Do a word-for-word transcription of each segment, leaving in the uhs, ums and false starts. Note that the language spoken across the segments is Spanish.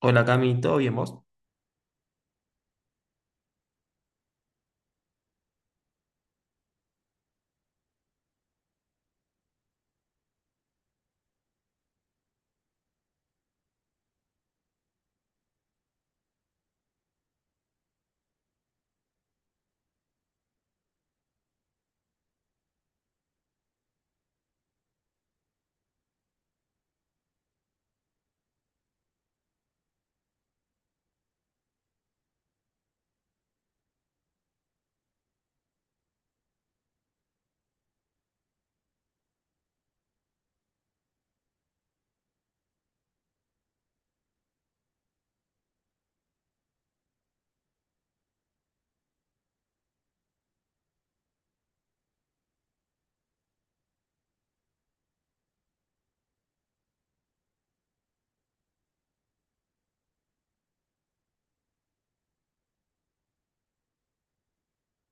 Hola Cami, ¿todo bien vos?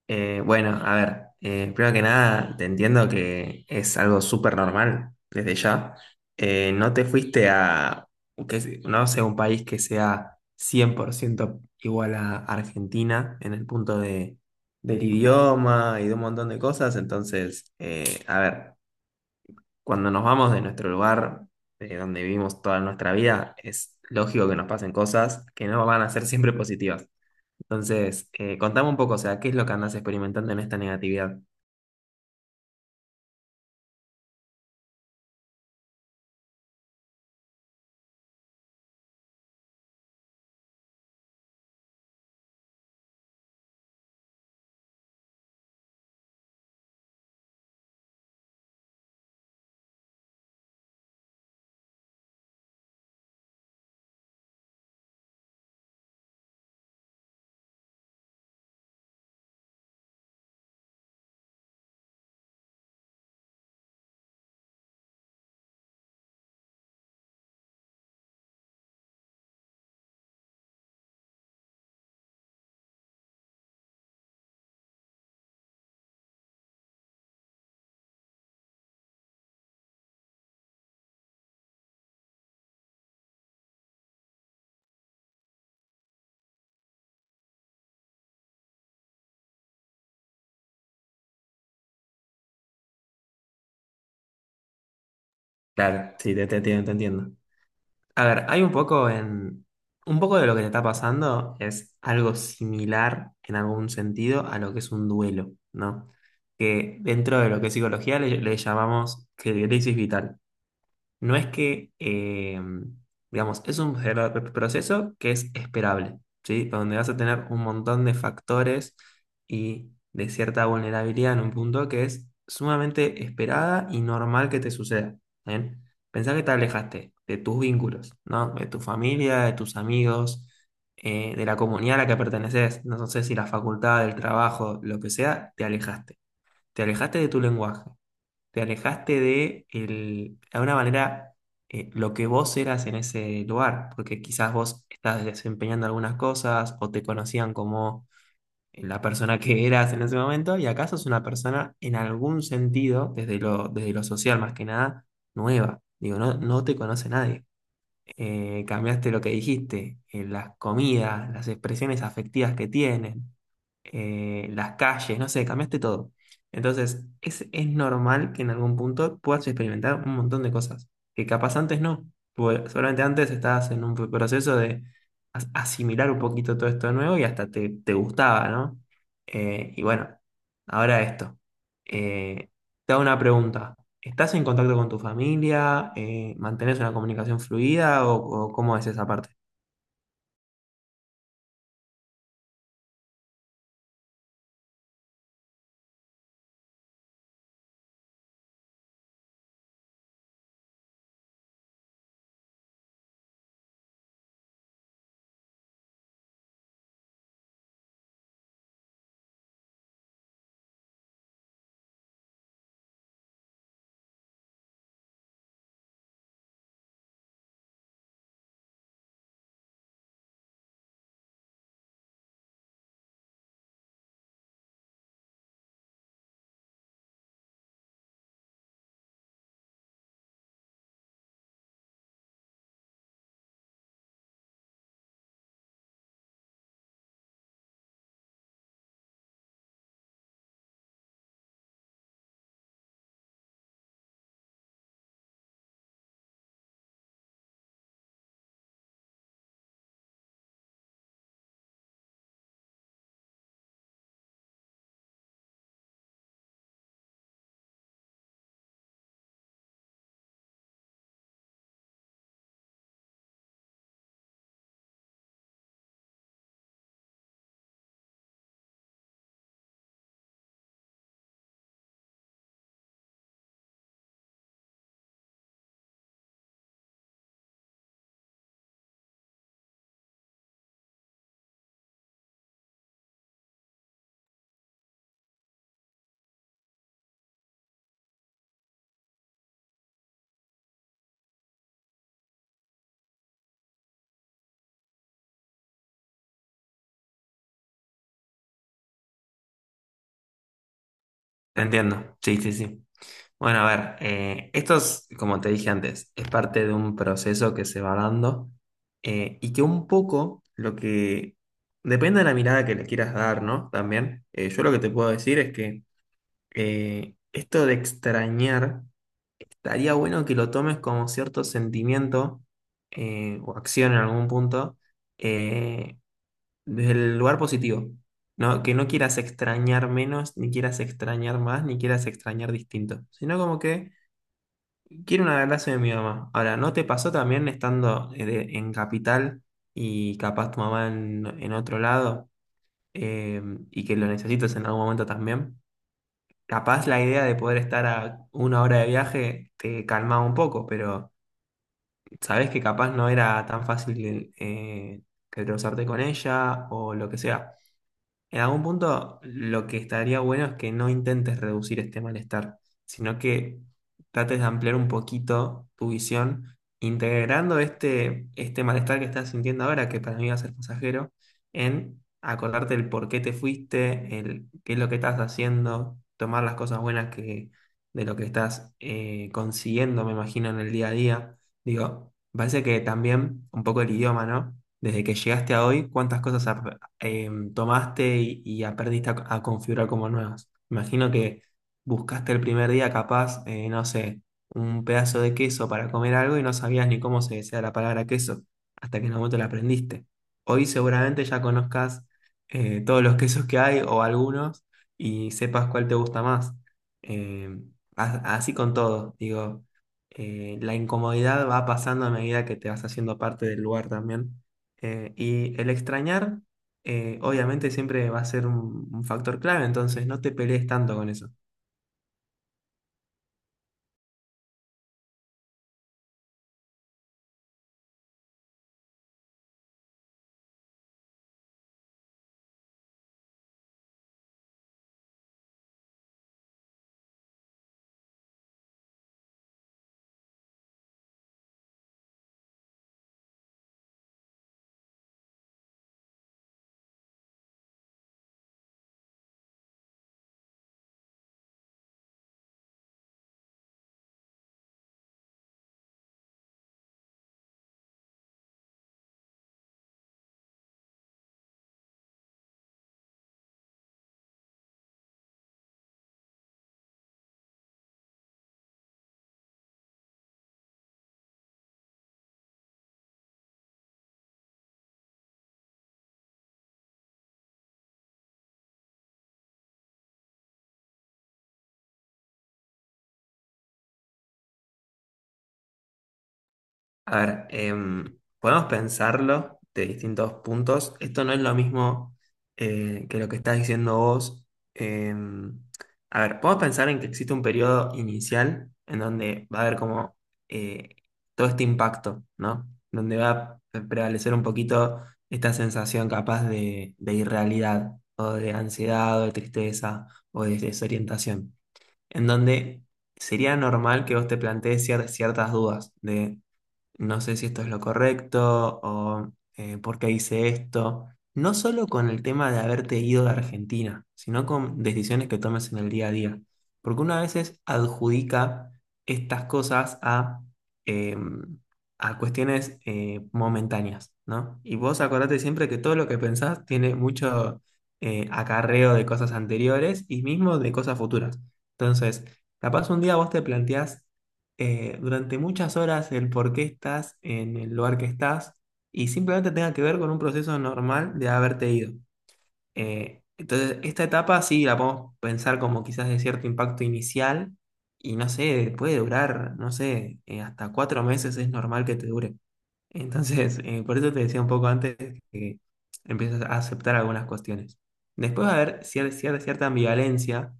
Eh, bueno, a ver, eh, primero que nada, te entiendo que es algo súper normal desde ya. Eh, no te fuiste a, que, se- no sé, un país que sea cien por ciento igual a Argentina en el punto de, del idioma y de un montón de cosas. Entonces, eh, a ver, cuando nos vamos de nuestro lugar, de donde vivimos toda nuestra vida, es lógico que nos pasen cosas que no van a ser siempre positivas. Entonces, eh, contame un poco, o sea, ¿qué es lo que andas experimentando en esta negatividad? Claro, sí, te, te entiendo, te entiendo. A ver, hay un poco en... Un poco de lo que te está pasando es algo similar en algún sentido a lo que es un duelo, ¿no? Que dentro de lo que es psicología le, le llamamos que- crisis vital. No es que, eh, digamos, es un pro- proceso que es esperable, ¿sí? Donde vas a tener un montón de factores y de cierta vulnerabilidad en un punto que es sumamente esperada y normal que te suceda, ¿bien? Pensá que te alejaste de tus vínculos, ¿no? De tu familia, de tus amigos, eh, de la comunidad a la que perteneces, no sé si la facultad, el trabajo, lo que sea, te alejaste. Te alejaste de tu lenguaje, te alejaste de, el, de alguna manera eh, lo que vos eras en ese lugar, porque quizás vos estás desempeñando algunas cosas o te conocían como eh, la persona que eras en ese momento y acá sos una persona en algún sentido, desde lo, desde lo social más que nada, nueva. Digo, no, no te conoce nadie. Eh, cambiaste lo que dijiste, eh, las comidas, las expresiones afectivas que tienen eh, las calles, no sé, cambiaste todo. Entonces, es, es normal que en algún punto puedas experimentar un montón de cosas que capaz antes no. Porque solamente antes estabas en un proceso de as- asimilar un poquito todo esto nuevo y hasta te, te gustaba, ¿no? Eh, y bueno, ahora esto. Eh, Te hago una pregunta. ¿Estás en contacto con tu familia? Eh, ¿mantenés una comunicación fluida o, o cómo es esa parte? Entiendo. Sí, sí, sí. Bueno, a ver, eh, esto es, como te dije antes, es parte de un proceso que se va dando, eh, y que un poco lo que depende de la mirada que le quieras dar, ¿no? También, eh, yo lo que te puedo decir es que, eh, esto de extrañar, estaría bueno que lo tomes como cierto sentimiento eh, o acción en algún punto, eh, desde el lugar positivo, ¿no? Que no quieras extrañar menos, ni quieras extrañar más, ni quieras extrañar distinto, sino como que quiero un abrazo de mi mamá. Ahora, ¿no te pasó también estando eh, de- en capital y capaz tu mamá en, en otro lado, eh, y que lo necesites en algún momento también? Capaz la idea de poder estar a una hora de viaje te calmaba un poco, pero sabes que capaz no era tan fácil, eh, que cruzarte con ella o lo que sea. En algún punto, lo que estaría bueno es que no intentes reducir este malestar, sino que trates de ampliar un poquito tu visión, integrando este, este malestar que estás sintiendo ahora, que para mí va a ser pasajero, en acordarte el por qué te fuiste, el qué es lo que estás haciendo, tomar las cosas buenas que, de lo que estás eh, consiguiendo, me imagino, en el día a día. Digo, parece que también un poco el idioma, ¿no? Desde que llegaste a hoy, ¿cuántas cosas ap- em, tomaste y, y aprendiste a, a configurar como nuevas? Imagino que buscaste el primer día capaz, eh, no sé, un pedazo de queso para comer algo y no sabías ni cómo se decía la palabra queso, hasta que en un momento la aprendiste. Hoy seguramente ya conozcas eh, todos los quesos que hay o algunos y sepas cuál te gusta más. Em, a- así con todo, digo, eh, la incomodidad va pasando a medida que te vas haciendo parte del lugar también. Eh, y el extrañar eh, obviamente siempre va a ser un, un factor clave, entonces no te pelees tanto con eso. A ver, em, podemos pensarlo de distintos puntos. Esto no es lo mismo eh, que lo que estás diciendo vos. Em, a ver, podemos pensar en que existe un periodo inicial en donde va a haber como, eh, todo este impacto, ¿no? Donde va a pre- prevalecer un poquito esta sensación capaz de, de irrealidad o de ansiedad o de tristeza o de desorientación. En donde sería normal que vos te plantees cier- ciertas dudas de no sé si esto es lo correcto o, eh, por qué hice esto. No solo con el tema de haberte ido de Argentina, sino con decisiones que tomes en el día a día. Porque una a veces adjudica estas cosas a, eh, a cuestiones eh, momentáneas, ¿no? Y vos acordate siempre que todo lo que pensás tiene mucho, eh, acarreo de cosas anteriores y mismo de cosas futuras. Entonces, capaz un día vos te planteás, eh, durante muchas horas el por qué estás en el lugar que estás y simplemente tenga que ver con un proceso normal de haberte ido. Eh, entonces, esta etapa sí la podemos pensar como quizás de cierto impacto inicial y no sé, puede durar, no sé, eh, hasta cuatro meses es normal que te dure. Entonces, eh, por eso te decía un poco antes que empiezas a aceptar algunas cuestiones. Después va a haber cier- cier- cierta ambivalencia,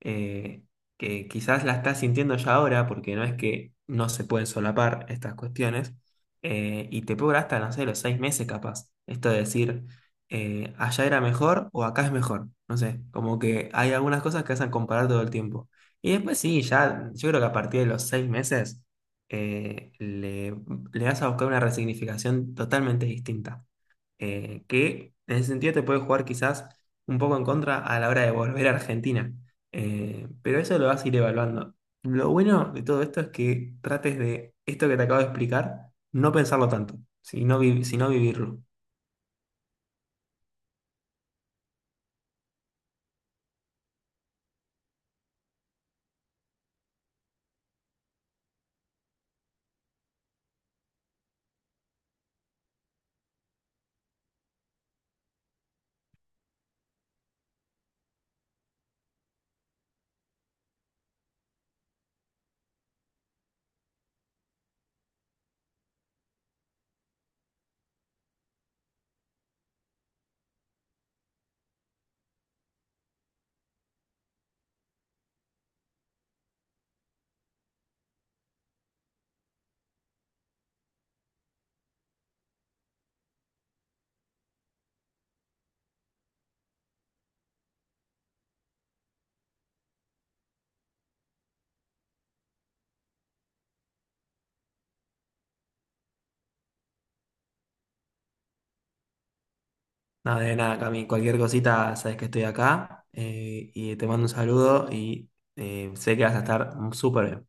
eh, que quizás la estás sintiendo ya ahora, porque no es que no se pueden solapar estas cuestiones, eh, y te puede durar hasta, no sé, los seis meses capaz. Esto de decir, eh, allá era mejor o acá es mejor. No sé, como que hay algunas cosas que hacen comparar todo el tiempo. Y después sí, ya, yo creo que a partir de los seis meses, eh, le le vas a buscar una resignificación totalmente distinta, eh, que en ese sentido te puede jugar quizás un poco en contra a la hora de volver a Argentina. Eh, pero eso lo vas a ir evaluando. Lo bueno de todo esto es que trates de esto que te acabo de explicar, no pensarlo tanto, sino, vi- sino vivirlo. Nada de nada, Cami, cualquier cosita, sabes que estoy acá, eh, y te mando un saludo y eh, sé que vas a estar súper bien.